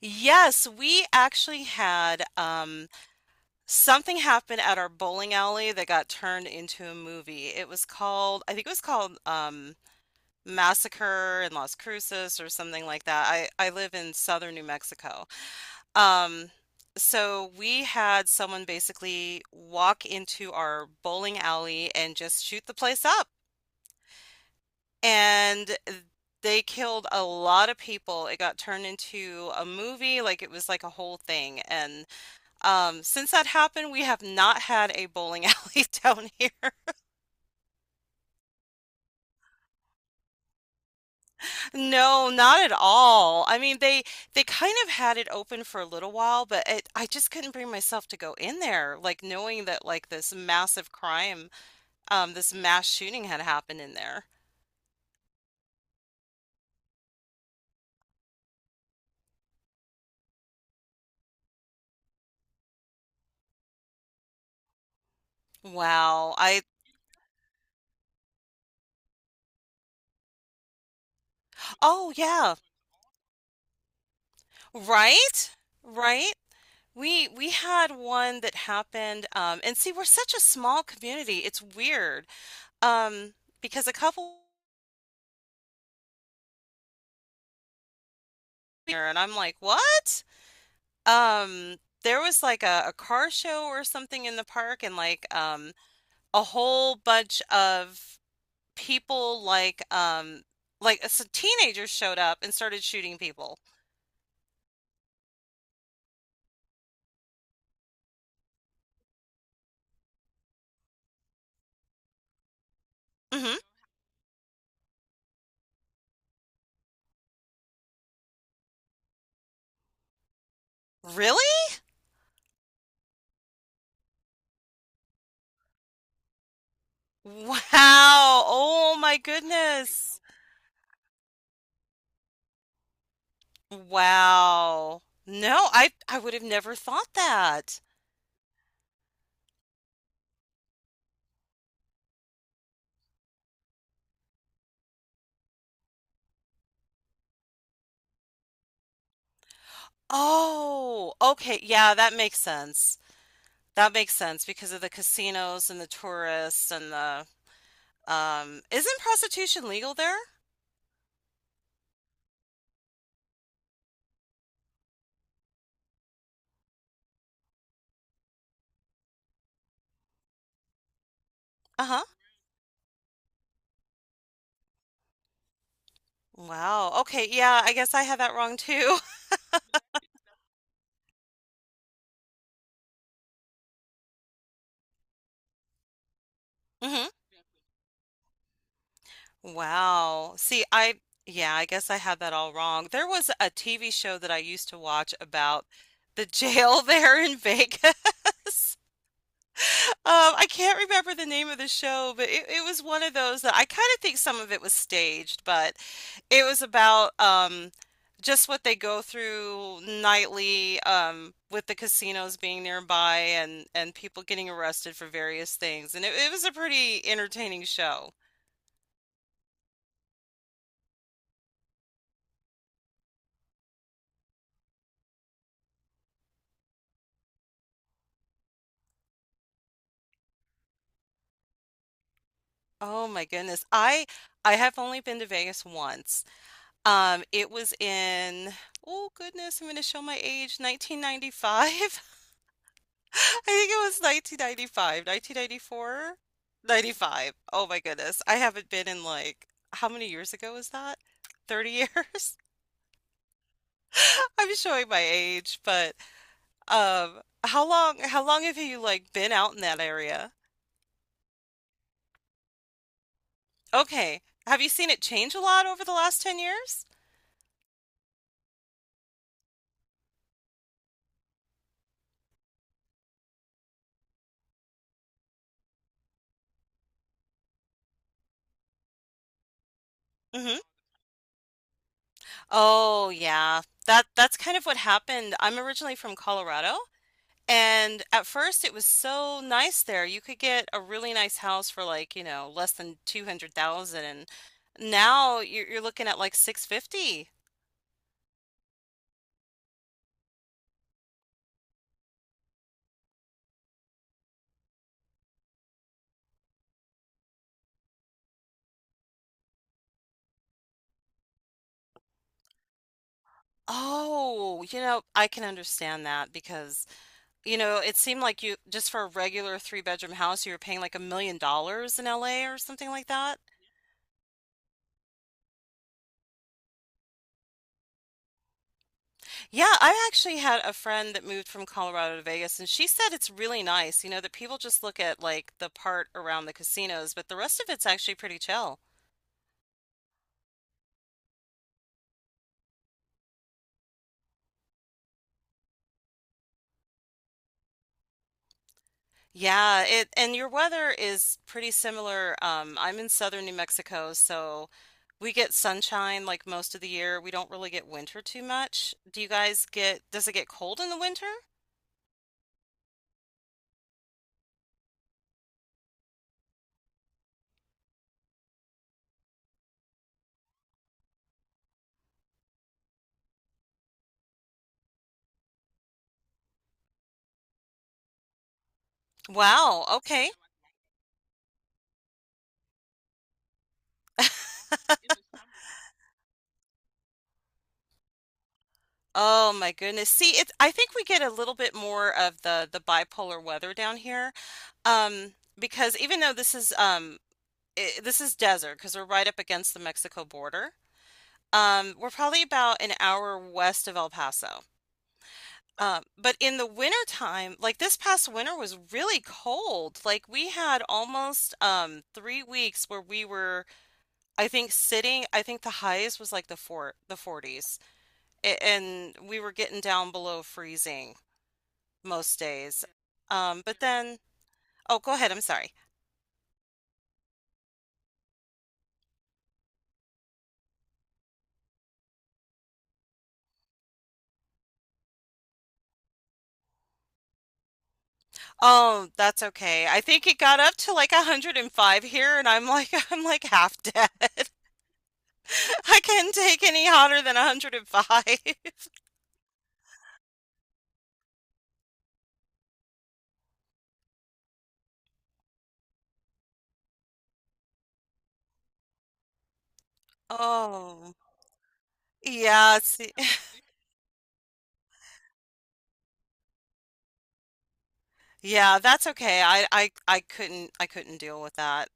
Yes, we actually had something happen at our bowling alley that got turned into a movie. It was called, I think it was called Massacre in Las Cruces or something like that. I live in southern New Mexico. Um, so we had someone basically walk into our bowling alley and just shoot the place up. And they killed a lot of people. It got turned into a movie, like it was like a whole thing. And Since that happened, we have not had a bowling alley down here. No, not at all. I mean, they kind of had it open for a little while, but it, I just couldn't bring myself to go in there, like knowing that like this massive crime, this mass shooting had happened in there. Wow. I Oh yeah, right? Right? We had one that happened, and see, we're such a small community. It's weird. Um, because a couple here and I'm like, "What?" Um there was like a car show or something in the park and like a whole bunch of people like, like, so, teenagers showed up and started shooting people. Hmm. Really? Wow. Oh my goodness. Wow. No, I would have never thought that. Oh, okay. Yeah, that makes sense. That makes sense because of the casinos and the tourists and the. Isn't prostitution legal there? Uh-huh. Wow. Okay, yeah, I guess I had that wrong too. Mhm. Wow. See, I guess I had that all wrong. There was a TV show that I used to watch about the jail there in Vegas. I can't remember the name of the show, but it was one of those that I kind of think some of it was staged, but it was about just what they go through nightly, with the casinos being nearby and people getting arrested for various things. And it was a pretty entertaining show. Oh my goodness. I have only been to Vegas once. It was in, oh goodness, I'm going to show my age, 1995. I think it was 1995, 1994, 95. Oh my goodness. I haven't been in like, how many years ago was that? 30 years? I'm showing my age, but how long have you like been out in that area? Okay. Have you seen it change a lot over the last 10 years? Hmm. Oh yeah. That that's kind of what happened. I'm originally from Colorado, and at first it was so nice there. You could get a really nice house for like, you know, less than 200,000, and now you're looking at like 650. Oh, you know, I can understand that because, you know, it seemed like you just for a regular three-bedroom house you were paying like $1 million in LA or something like that. Yeah, I actually had a friend that moved from Colorado to Vegas, and she said it's really nice, you know, that people just look at like the part around the casinos, but the rest of it's actually pretty chill. Yeah, it and your weather is pretty similar. I'm in southern New Mexico, so we get sunshine like most of the year. We don't really get winter too much. Do you guys get, does it get cold in the winter? Wow, okay. Oh my goodness. See, it's I think we get a little bit more of the bipolar weather down here. Um, because even though this is I This is desert because we're right up against the Mexico border, we're probably about an hour west of El Paso. But in the winter time, like this past winter was really cold. Like we had almost 3 weeks where we were, I think, sitting, I think the highest was like the 40s. And we were getting down below freezing most days. Um, but then, oh, go ahead, I'm sorry. Oh, that's okay. I think it got up to like 105 here, and I'm like, I'm like half dead. I can't take any hotter than 105. Oh, yeah. See, yeah, that's okay. I couldn't, I couldn't deal with that.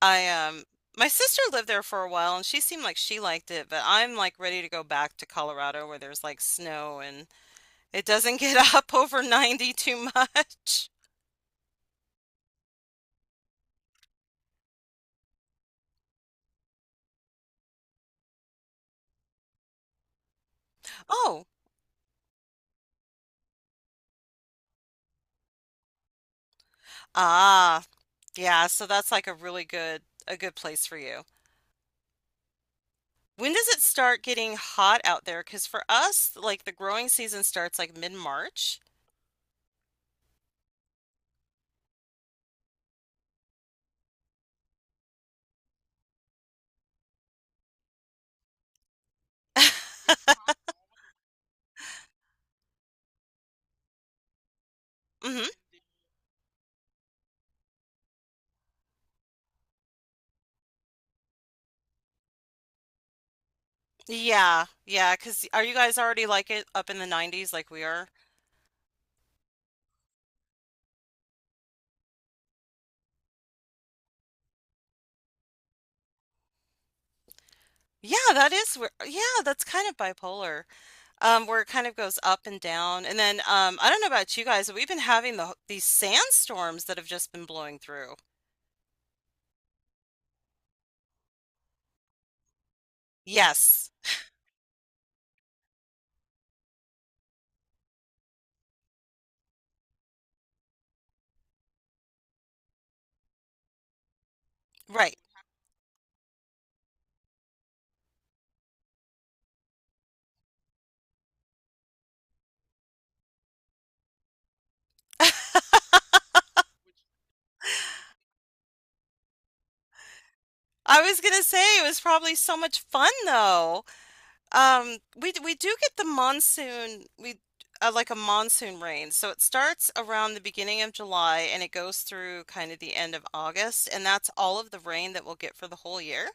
I, um, my sister lived there for a while, and she seemed like she liked it, but I'm like ready to go back to Colorado where there's like snow and it doesn't get up over 90 too much. Oh, ah. Yeah, so that's like a really good place for you. When does it start getting hot out there? Cause for us, like the growing season starts like mid-March. Hmm. Yeah. Yeah. Cause are you guys already like it up in the 90s like we are? Yeah, that is where, yeah, that's kind of bipolar. Where it kind of goes up and down. And then I don't know about you guys, but we've been having these sandstorms that have just been blowing through. Yes. Right. I was gonna say it was probably so much fun though. We do get the monsoon. We like a monsoon rain. So it starts around the beginning of July and it goes through kind of the end of August, and that's all of the rain that we'll get for the whole year.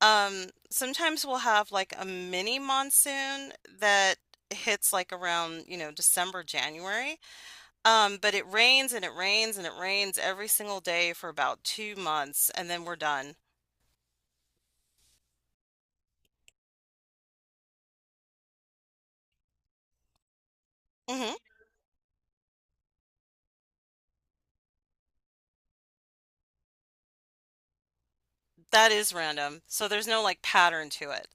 Sometimes we'll have like a mini monsoon that hits like around, you know, December, January. But it rains and it rains and it rains every single day for about 2 months, and then we're done. Hmm. That is random. So there's no like pattern to it.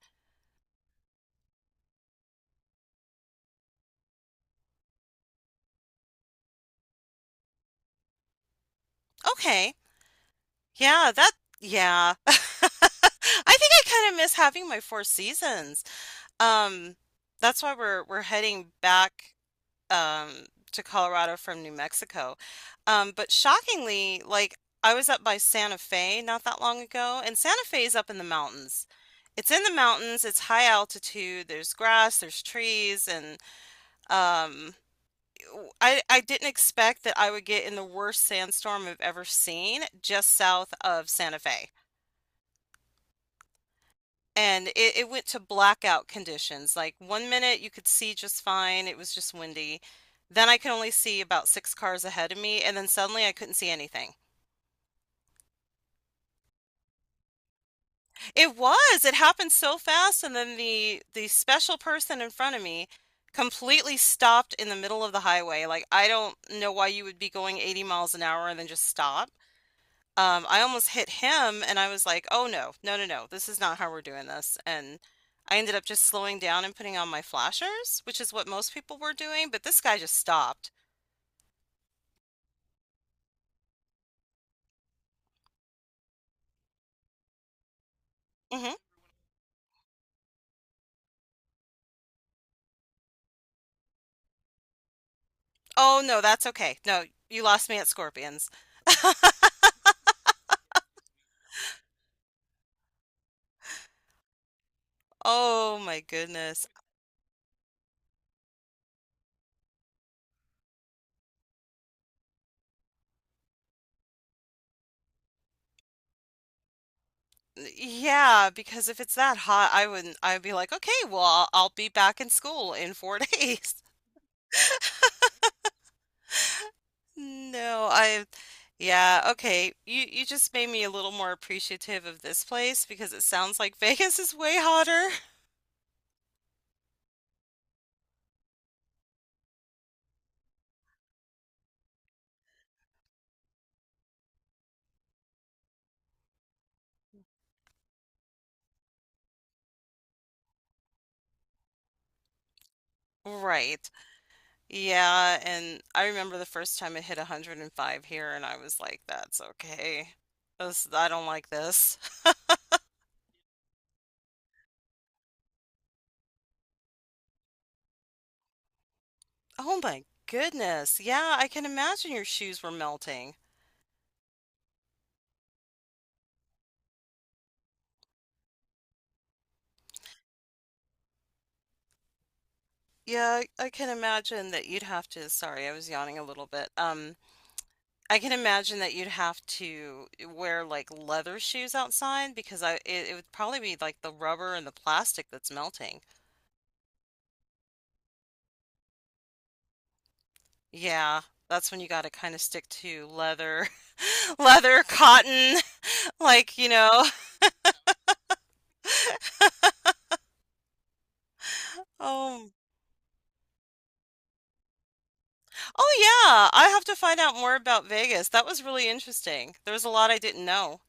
Okay. Yeah, that yeah. I think I kind of miss having my four seasons. Um, that's why we're heading back um to Colorado from New Mexico. But shockingly, like I was up by Santa Fe not that long ago, and Santa Fe is up in the mountains. It's in the mountains, it's high altitude, there's grass, there's trees, and um I I didn't expect that I would get in the worst sandstorm I've ever seen just south of Santa Fe. And it went to blackout conditions. Like 1 minute you could see just fine, it was just windy. Then I could only see about six cars ahead of me, and then suddenly I couldn't see anything. It was, it happened so fast, and then the special person in front of me completely stopped in the middle of the highway. Like I don't know why you would be going 80 miles an hour and then just stop. I almost hit him and I was like, "Oh no. No, no, no. This is not how we're doing this." And I ended up just slowing down and putting on my flashers, which is what most people were doing, but this guy just stopped. Mhm. "Oh no, that's okay. No, you lost me at Scorpions." Oh my goodness. Yeah, because if it's that hot, I wouldn't I'd be like, "Okay, well, I'll be back in school in 4 days." No, I, Yeah, okay. You just made me a little more appreciative of this place because it sounds like Vegas is way hotter. Right. Yeah, and I remember the first time it hit 105 here and I was like, that's okay. This, I don't like this. Oh my goodness. Yeah, I can imagine your shoes were melting. Yeah, I can imagine that you'd have to, sorry, I was yawning a little bit. I can imagine that you'd have to wear like leather shoes outside because I it, it would probably be like the rubber and the plastic that's melting. Yeah, that's when you got to kind of stick to leather, leather, cotton, like, you know. Oh, oh yeah, I have to find out more about Vegas. That was really interesting. There was a lot I didn't know.